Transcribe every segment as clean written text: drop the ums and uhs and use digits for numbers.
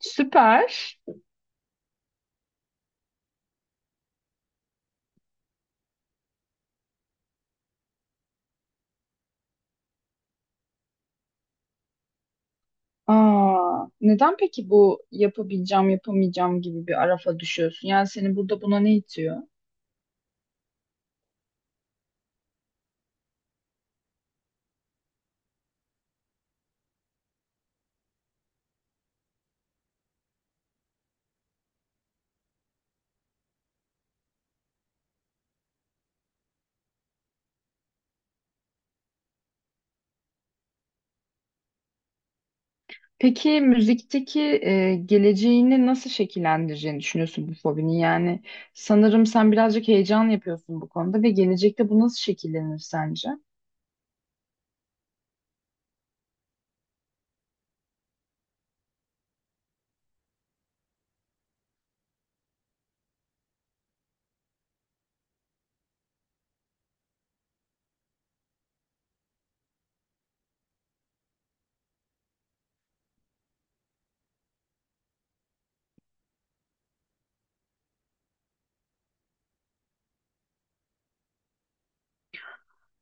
Süper. Aa, neden peki bu yapabileceğim, yapamayacağım gibi bir arafa düşüyorsun? Yani seni burada buna ne itiyor? Peki müzikteki geleceğini nasıl şekillendireceğini düşünüyorsun bu fobini? Yani sanırım sen birazcık heyecan yapıyorsun bu konuda ve gelecekte bu nasıl şekillenir sence?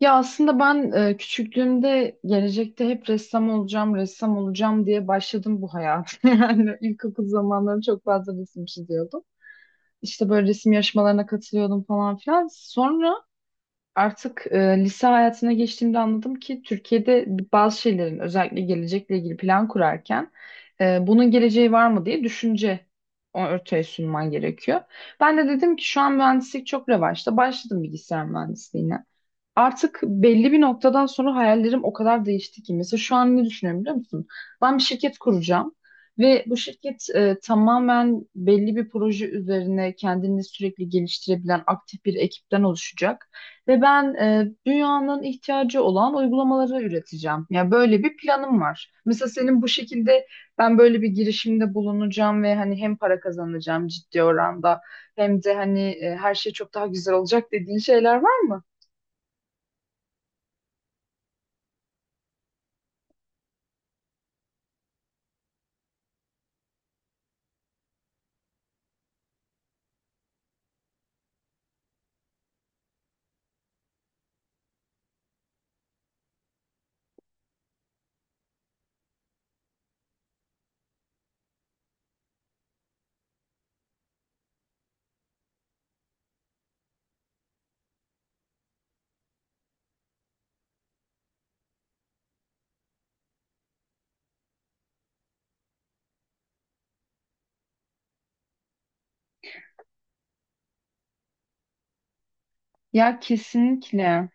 Ya aslında ben küçüklüğümde gelecekte hep ressam olacağım, ressam olacağım diye başladım bu hayata. Yani ilkokul zamanlarım çok fazla resim çiziyordum. İşte böyle resim yarışmalarına katılıyordum falan filan. Sonra artık lise hayatına geçtiğimde anladım ki Türkiye'de bazı şeylerin özellikle gelecekle ilgili plan kurarken bunun geleceği var mı diye düşünce ortaya sunman gerekiyor. Ben de dedim ki şu an mühendislik çok revaçta. Başladım bilgisayar mühendisliğine artık belli bir noktadan sonra hayallerim o kadar değişti ki. Mesela şu an ne düşünüyorum biliyor musun? Ben bir şirket kuracağım ve bu şirket tamamen belli bir proje üzerine kendini sürekli geliştirebilen aktif bir ekipten oluşacak. Ve ben dünyanın ihtiyacı olan uygulamaları üreteceğim. Yani böyle bir planım var. Mesela senin bu şekilde ben böyle bir girişimde bulunacağım ve hani hem para kazanacağım ciddi oranda hem de hani her şey çok daha güzel olacak dediğin şeyler var mı? Ya kesinlikle.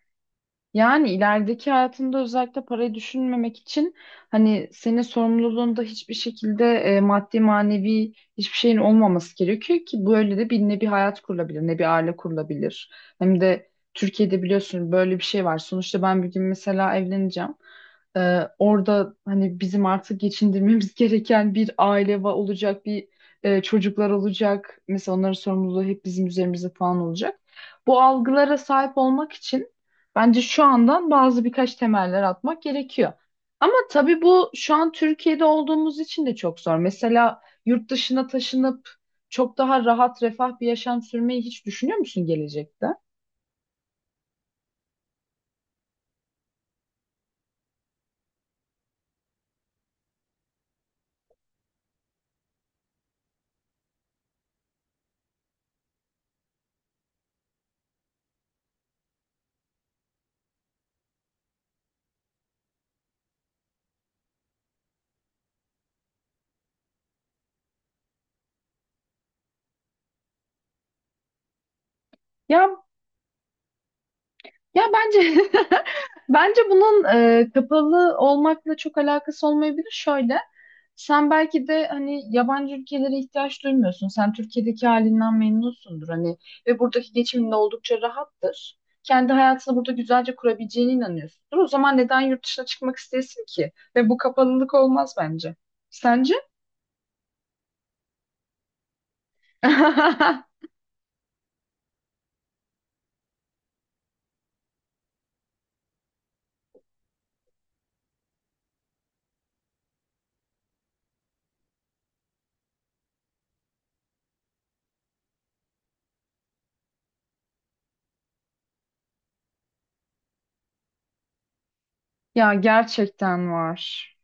Yani ilerideki hayatında özellikle parayı düşünmemek için hani senin sorumluluğunda hiçbir şekilde maddi manevi hiçbir şeyin olmaması gerekiyor ki böyle de bir ne bir hayat kurulabilir ne bir aile kurulabilir. Hem de Türkiye'de biliyorsun böyle bir şey var. Sonuçta ben bir gün mesela evleneceğim. Orada hani bizim artık geçindirmemiz gereken bir aile olacak, bir çocuklar olacak. Mesela onların sorumluluğu hep bizim üzerimizde falan olacak. Bu algılara sahip olmak için bence şu andan bazı birkaç temeller atmak gerekiyor. Ama tabii bu şu an Türkiye'de olduğumuz için de çok zor. Mesela yurt dışına taşınıp çok daha rahat, refah bir yaşam sürmeyi hiç düşünüyor musun gelecekte? Ya ya, bence bunun kapalı olmakla çok alakası olmayabilir. Şöyle, sen belki de hani yabancı ülkelere ihtiyaç duymuyorsun. Sen Türkiye'deki halinden memnunsundur hani ve buradaki geçimin de oldukça rahattır. Kendi hayatını burada güzelce kurabileceğine inanıyorsundur. O zaman neden yurt dışına çıkmak istesin ki? Ve bu kapalılık olmaz bence. Sence? Ya gerçekten var.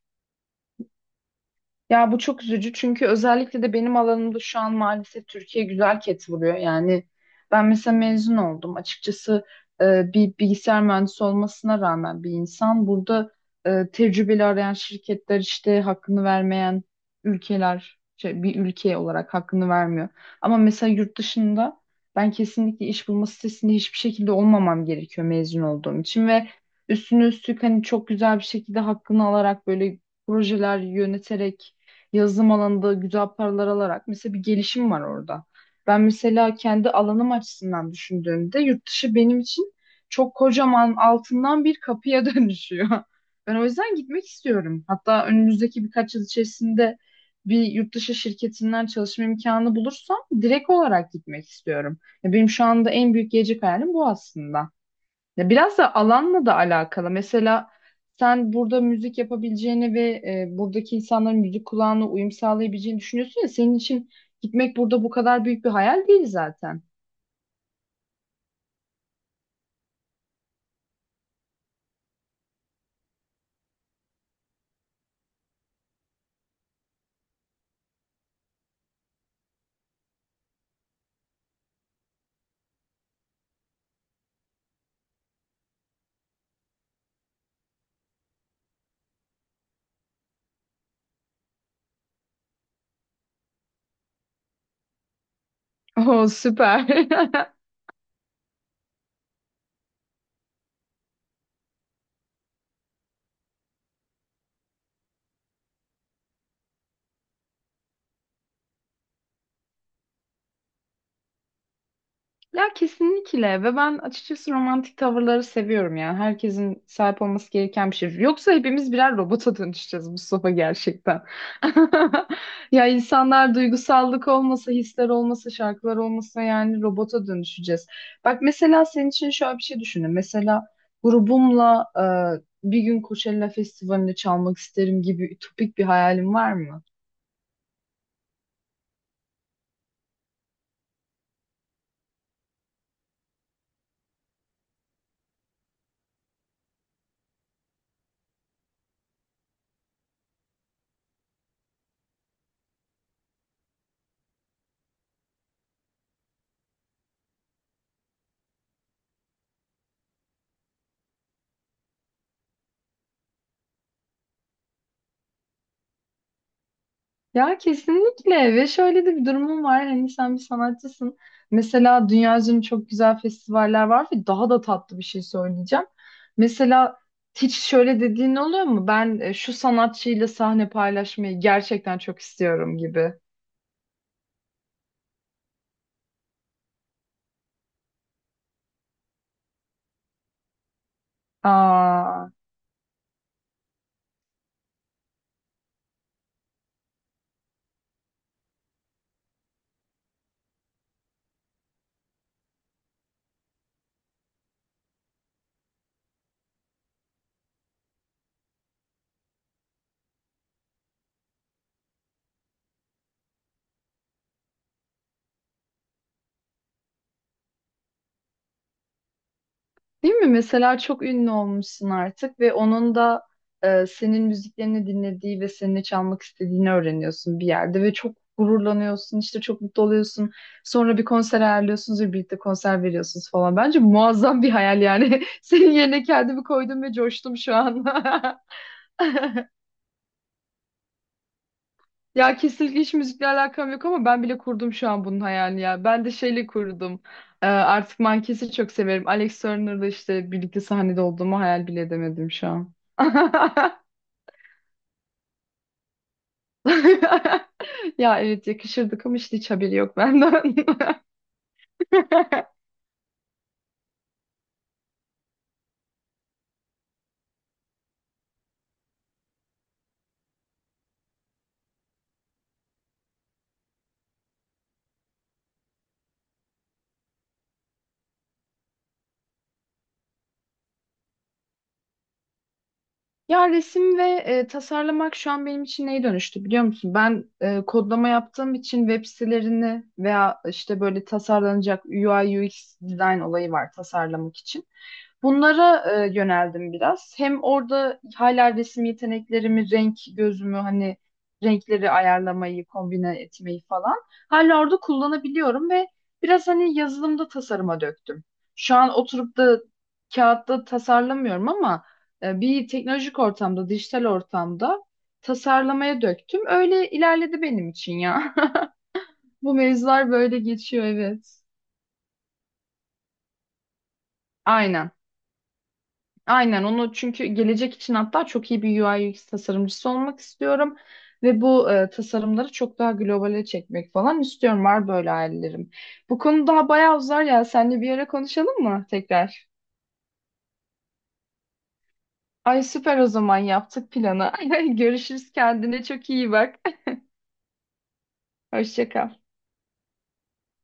Ya bu çok üzücü çünkü özellikle de benim alanımda şu an maalesef Türkiye güzel ket vuruyor. Yani ben mesela mezun oldum. Açıkçası bir bilgisayar mühendisi olmasına rağmen bir insan burada tecrübeli arayan şirketler işte hakkını vermeyen ülkeler şey, bir ülke olarak hakkını vermiyor. Ama mesela yurt dışında ben kesinlikle iş bulma sitesinde hiçbir şekilde olmamam gerekiyor mezun olduğum için ve üstüne üstlük hani çok güzel bir şekilde hakkını alarak böyle projeler yöneterek yazılım alanında güzel paralar alarak mesela bir gelişim var orada. Ben mesela kendi alanım açısından düşündüğümde yurt dışı benim için çok kocaman altından bir kapıya dönüşüyor. Ben o yüzden gitmek istiyorum. Hatta önümüzdeki birkaç yıl içerisinde bir yurt dışı şirketinden çalışma imkanı bulursam direkt olarak gitmek istiyorum. Ya benim şu anda en büyük gelecek hayalim bu aslında. Ya biraz da alanla da alakalı. Mesela sen burada müzik yapabileceğini ve buradaki insanların müzik kulağına uyum sağlayabileceğini düşünüyorsun ya senin için gitmek burada bu kadar büyük bir hayal değil zaten. Oh süper. Ya kesinlikle ve ben açıkçası romantik tavırları seviyorum yani herkesin sahip olması gereken bir şey. Yoksa hepimiz birer robota dönüşeceğiz Mustafa gerçekten. Ya insanlar duygusallık olmasa, hisler olmasa, şarkılar olmasa yani robota dönüşeceğiz. Bak mesela senin için şöyle bir şey düşünün. Mesela grubumla bir gün Coachella Festivali'nde çalmak isterim gibi ütopik bir hayalim var mı? Ya kesinlikle ve şöyle de bir durumum var hani sen bir sanatçısın, mesela dünya üzerinde çok güzel festivaller var ve daha da tatlı bir şey söyleyeceğim. Mesela hiç şöyle dediğin oluyor mu ben şu sanatçıyla sahne paylaşmayı gerçekten çok istiyorum gibi. Aa. Değil mi? Mesela çok ünlü olmuşsun artık ve onun da senin müziklerini dinlediği ve seninle çalmak istediğini öğreniyorsun bir yerde ve çok gururlanıyorsun, işte çok mutlu oluyorsun. Sonra bir konser ayarlıyorsunuz ve birlikte konser veriyorsunuz falan. Bence muazzam bir hayal yani. Senin yerine kendimi koydum ve coştum şu an. Ya kesinlikle hiç müzikle alakam yok ama ben bile kurdum şu an bunun hayalini ya. Ben de şeyle kurdum. Artık Mankes'i çok severim. Alex Turner'la işte birlikte sahnede olduğumu hayal bile edemedim şu an. Ya evet yakışırdık ama işte hiç haberi yok benden. Ya resim ve tasarlamak şu an benim için neye dönüştü biliyor musun? Ben kodlama yaptığım için web sitelerini veya işte böyle tasarlanacak UI UX design olayı var tasarlamak için. Bunlara yöneldim biraz. Hem orada hala resim yeteneklerimi, renk gözümü hani renkleri ayarlamayı, kombine etmeyi falan hala orada kullanabiliyorum ve biraz hani yazılımda tasarıma döktüm. Şu an oturup da kağıtta tasarlamıyorum ama bir teknolojik ortamda, dijital ortamda tasarlamaya döktüm. Öyle ilerledi benim için ya. Bu mevzular böyle geçiyor, evet. Aynen. Aynen onu çünkü gelecek için hatta çok iyi bir UI UX tasarımcısı olmak istiyorum. Ve bu tasarımları çok daha globale çekmek falan istiyorum. Var böyle hayallerim. Bu konu daha bayağı uzar ya. Seninle bir ara konuşalım mı tekrar? Ay süper, o zaman yaptık planı. Görüşürüz, kendine çok iyi bak. Hoşça kal.